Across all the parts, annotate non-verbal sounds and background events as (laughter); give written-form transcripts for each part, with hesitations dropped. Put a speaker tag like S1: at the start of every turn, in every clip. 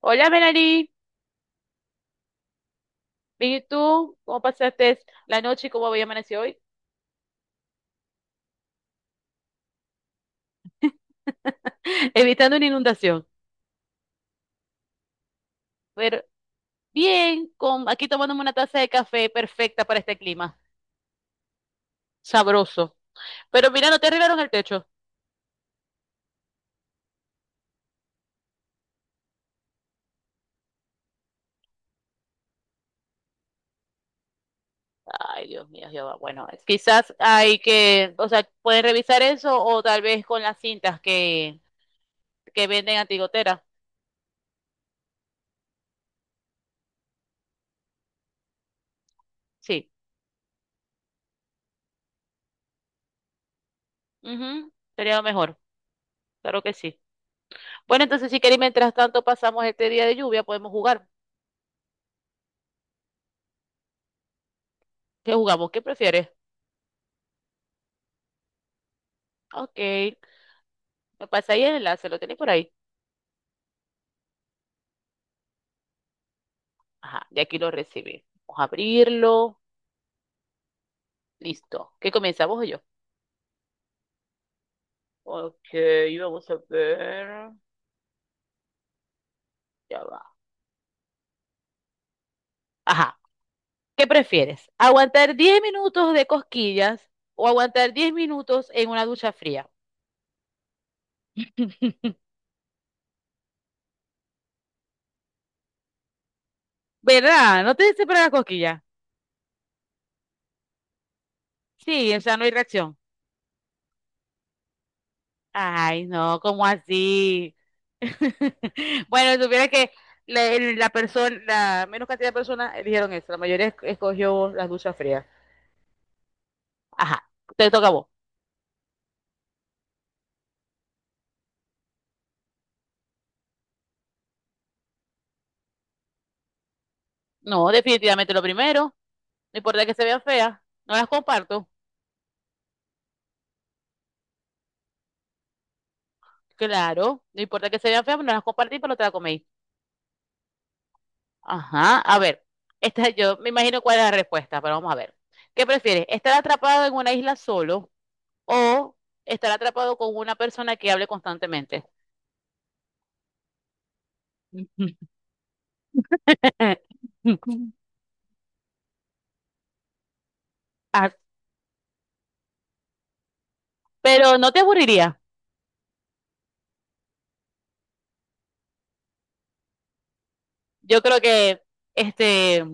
S1: Hola, Melanie. ¿Y tú? ¿Cómo pasaste la noche y cómo había amanecido hoy? (laughs) Evitando una inundación. Pero bien, aquí tomándome una taza de café perfecta para este clima. Sabroso. Pero mira, no te arreglaron el techo. Ay, Dios mío, Jehová. Bueno, quizás hay que, o sea, pueden revisar eso o tal vez con las cintas que venden a Tigotera. Sí. Ujú, sería lo mejor. Claro que sí. Bueno, entonces si queréis, mientras tanto pasamos este día de lluvia, podemos jugar. ¿Qué jugamos? ¿Qué prefieres? Ok. Me pasáis el enlace, ¿lo tenéis por ahí? Ajá, de aquí lo recibí. Vamos a abrirlo. Listo. ¿Qué comienza, vos o yo? Ok, vamos a ver. Ya va. Ajá. ¿Qué prefieres? ¿Aguantar 10 minutos de cosquillas o aguantar 10 minutos en una ducha fría? (laughs) ¿Verdad? ¿No te separan las cosquillas? Sí, o sea, no hay reacción. Ay, no, ¿cómo así? (laughs) Bueno, si supiera que la persona, la menos cantidad de personas eligieron eso. La mayoría escogió las duchas frías. Ajá, te toca a vos. No, definitivamente lo primero. No importa que se vean feas, no las comparto. Claro, no importa que se vean feas, no las compartí, pero no te las coméis. Ajá, a ver. Esta, yo me imagino cuál es la respuesta, pero vamos a ver. ¿Qué prefieres? ¿Estar atrapado en una isla solo o estar atrapado con una persona que hable constantemente? (laughs) Ah, pero no te aburriría. Yo creo que este,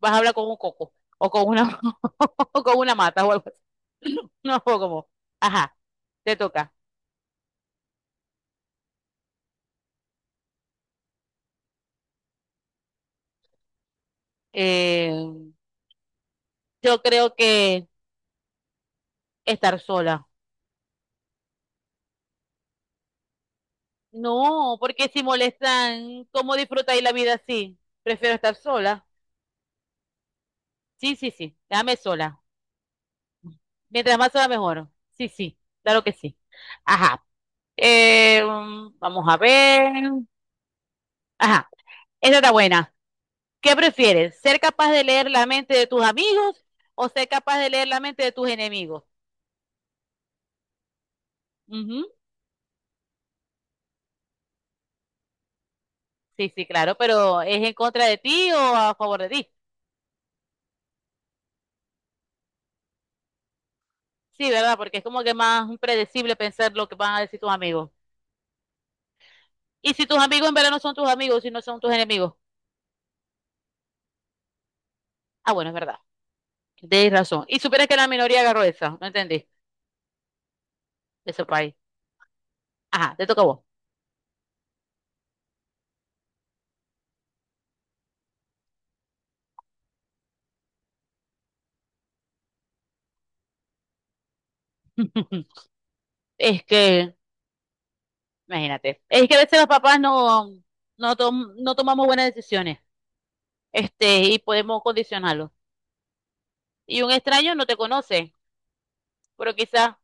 S1: vas a hablar con un coco o con una, (laughs) o con una mata o algo así. (laughs) No, como, ajá, te toca. Eh, yo creo que estar sola. No, porque si molestan, ¿cómo disfrutáis la vida así? Prefiero estar sola. Sí, sí, sí, déjame sola. Mientras más sola, mejor. Sí, sí, claro que sí. Ajá. Vamos a ver. Ajá, esta está buena. ¿Qué prefieres? ¿Ser capaz de leer la mente de tus amigos o ser capaz de leer la mente de tus enemigos? Ujú. Sí, sí, claro, pero ¿es en contra de ti o a favor de ti? Sí, ¿verdad? Porque es como que más predecible pensar lo que van a decir tus amigos. Y si tus amigos en verdad no son tus amigos, si no son tus enemigos. Ah, bueno, es verdad. Tienes razón. Y supieras que la minoría agarró esa, no entendí, de ese país. Ajá, te toca a vos. (laughs) Es que, imagínate, es que a veces los papás no, no tomamos buenas decisiones, y podemos condicionarlos. Y un extraño no te conoce, pero quizás,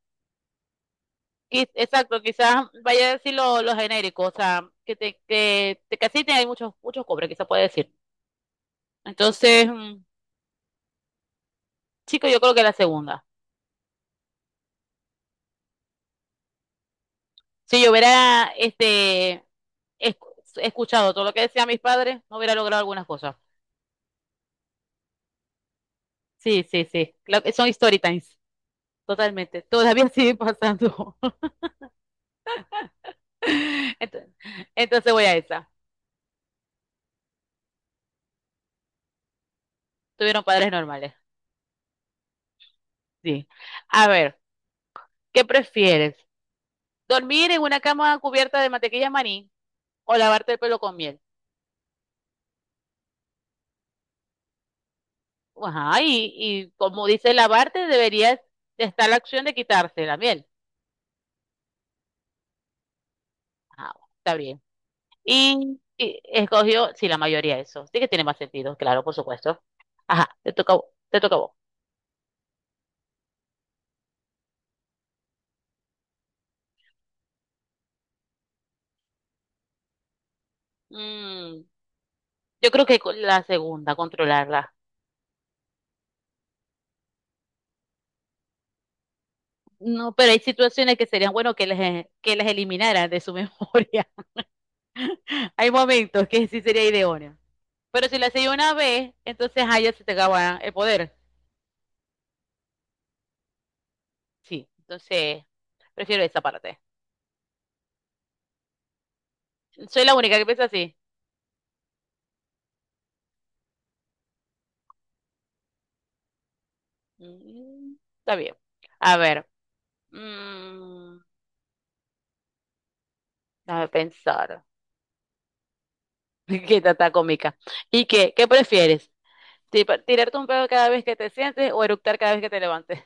S1: quiz- exacto, quizás vaya a decir lo genérico, o sea, que te casiten hay muchos, muchos cobres, quizás puede decir. Entonces, chico, yo creo que la segunda. Si yo hubiera escuchado todo lo que decían mis padres, no hubiera logrado algunas cosas. Sí, sí, sí. Claro que son story times, totalmente. Todavía sigue pasando. (laughs) Entonces, entonces voy a esa. Tuvieron padres normales. Sí. A ver, ¿qué prefieres? Dormir en una cama cubierta de mantequilla maní o lavarte el pelo con miel. Ajá, y como dice lavarte, debería estar la opción de quitarse la miel. Ajá, está bien. Y escogió, sí, la mayoría eso. Sí que tiene más sentido, claro, por supuesto. Ajá, te toca a vos. Mm, yo creo que con la segunda, controlarla. No, pero hay situaciones que serían bueno que les eliminaran de su (laughs) memoria. Hay momentos que sí sería idóneo. Pero si lo hacía una vez, entonces a ella se te acaba el poder. Sí, entonces prefiero esa parte. Soy la única que piensa así. Mm, Está bien. A ver, mm, déjame pensar. (laughs) Qué está tan cómica. ¿Y qué? ¿Qué prefieres? ¿Tirarte un pedo cada vez que te sientes o eructar cada vez que te levantes?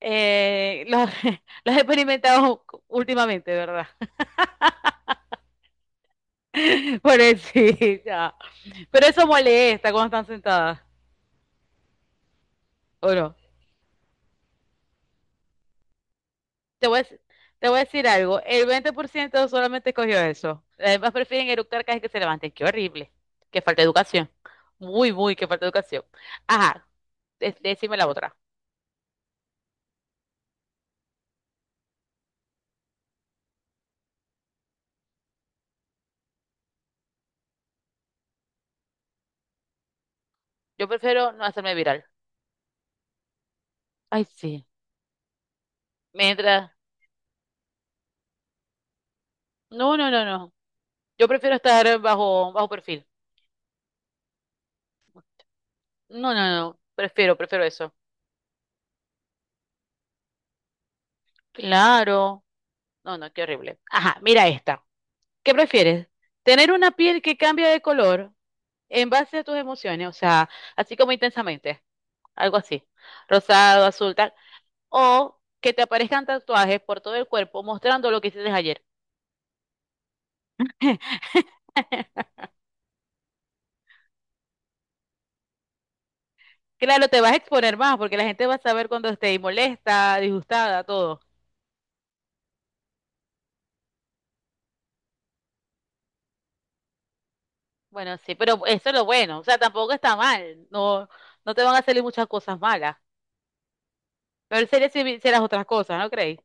S1: Eh, lo, (laughs) lo he experimentado últimamente, ¿verdad? (laughs) Por eso, sí, ya. Pero eso molesta cuando están sentadas, ¿o no? Te voy a, dec- Te voy a decir algo, el 20% solamente escogió eso. Además prefieren eructar cada vez que se levanten. Qué horrible. Qué falta de educación. Muy, muy, qué falta de educación. Ajá, decime la otra. Yo prefiero no hacerme viral. Ay, sí. Mientras... No, no, no, no. Yo prefiero estar bajo, bajo perfil. No, no, no. Prefiero eso. Claro. No, no, qué horrible. Ajá, mira esta. ¿Qué prefieres? ¿Tener una piel que cambia de color en base a tus emociones? O sea, así como intensamente. Algo así, rosado, azul, tal, o que te aparezcan tatuajes por todo el cuerpo mostrando lo que hiciste ayer. (laughs) Claro, te vas a exponer más porque la gente va a saber cuando estés molesta, disgustada, todo. Bueno, sí, pero eso es lo bueno, o sea, tampoco está mal, no, no te van a salir muchas cosas malas, pero sería si hicieras otras cosas, ¿no creéis?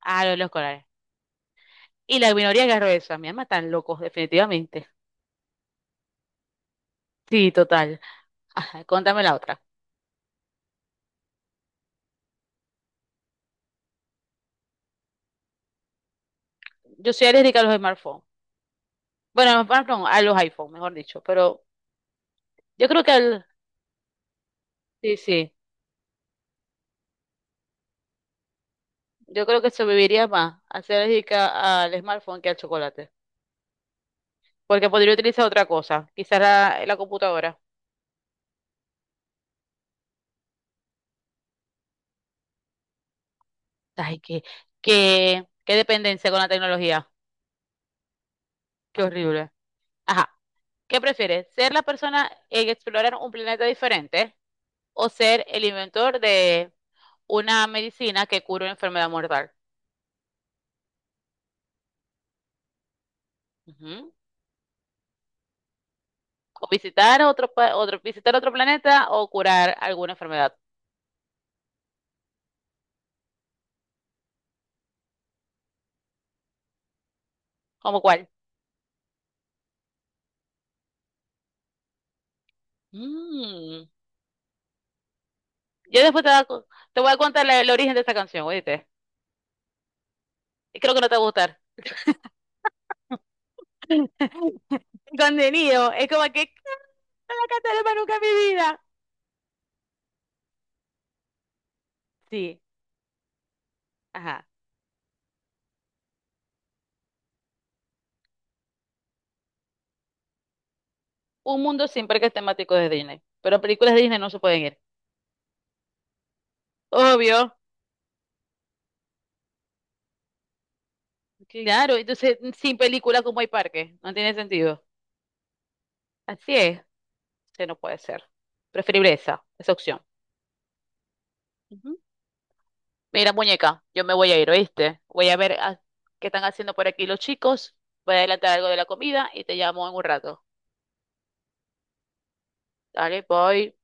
S1: Ah, los corales. Y la minoría agarró eso, a mi alma están locos, definitivamente. Sí, total. Ajá, contame la otra. Yo soy alérgica a los smartphones. Bueno, a los smartphones, a los iPhones, mejor dicho, pero Yo creo que al, sí, sí, yo creo que sobreviviría más a ser alérgica al smartphone que al chocolate, porque podría utilizar otra cosa, quizás la computadora. Ay, qué dependencia con la tecnología, qué horrible. Ajá, ¿qué prefieres? ¿Ser la persona en explorar un planeta diferente o ser el inventor de una medicina que cura una enfermedad mortal? Ujú. O visitar otro, visitar otro planeta o curar alguna enfermedad. ¿Cómo cuál? Mm. Yo después te voy a contar el origen de esta canción, oíste. Y creo que no te va a gustar. (laughs) El contenido es como que no la cantaré más nunca en mi vida. Sí, ajá. Un mundo sin parques temáticos de Disney. Pero películas de Disney no se pueden ir. Obvio. Claro, entonces sin películas como hay parques. No tiene sentido. Así es. Sí, no puede ser. Preferible esa, esa opción. Ujú. Mira, muñeca, yo me voy a ir, ¿oíste? Voy a ver qué están haciendo por aquí los chicos. Voy a adelantar algo de la comida y te llamo en un rato. Dale, voy.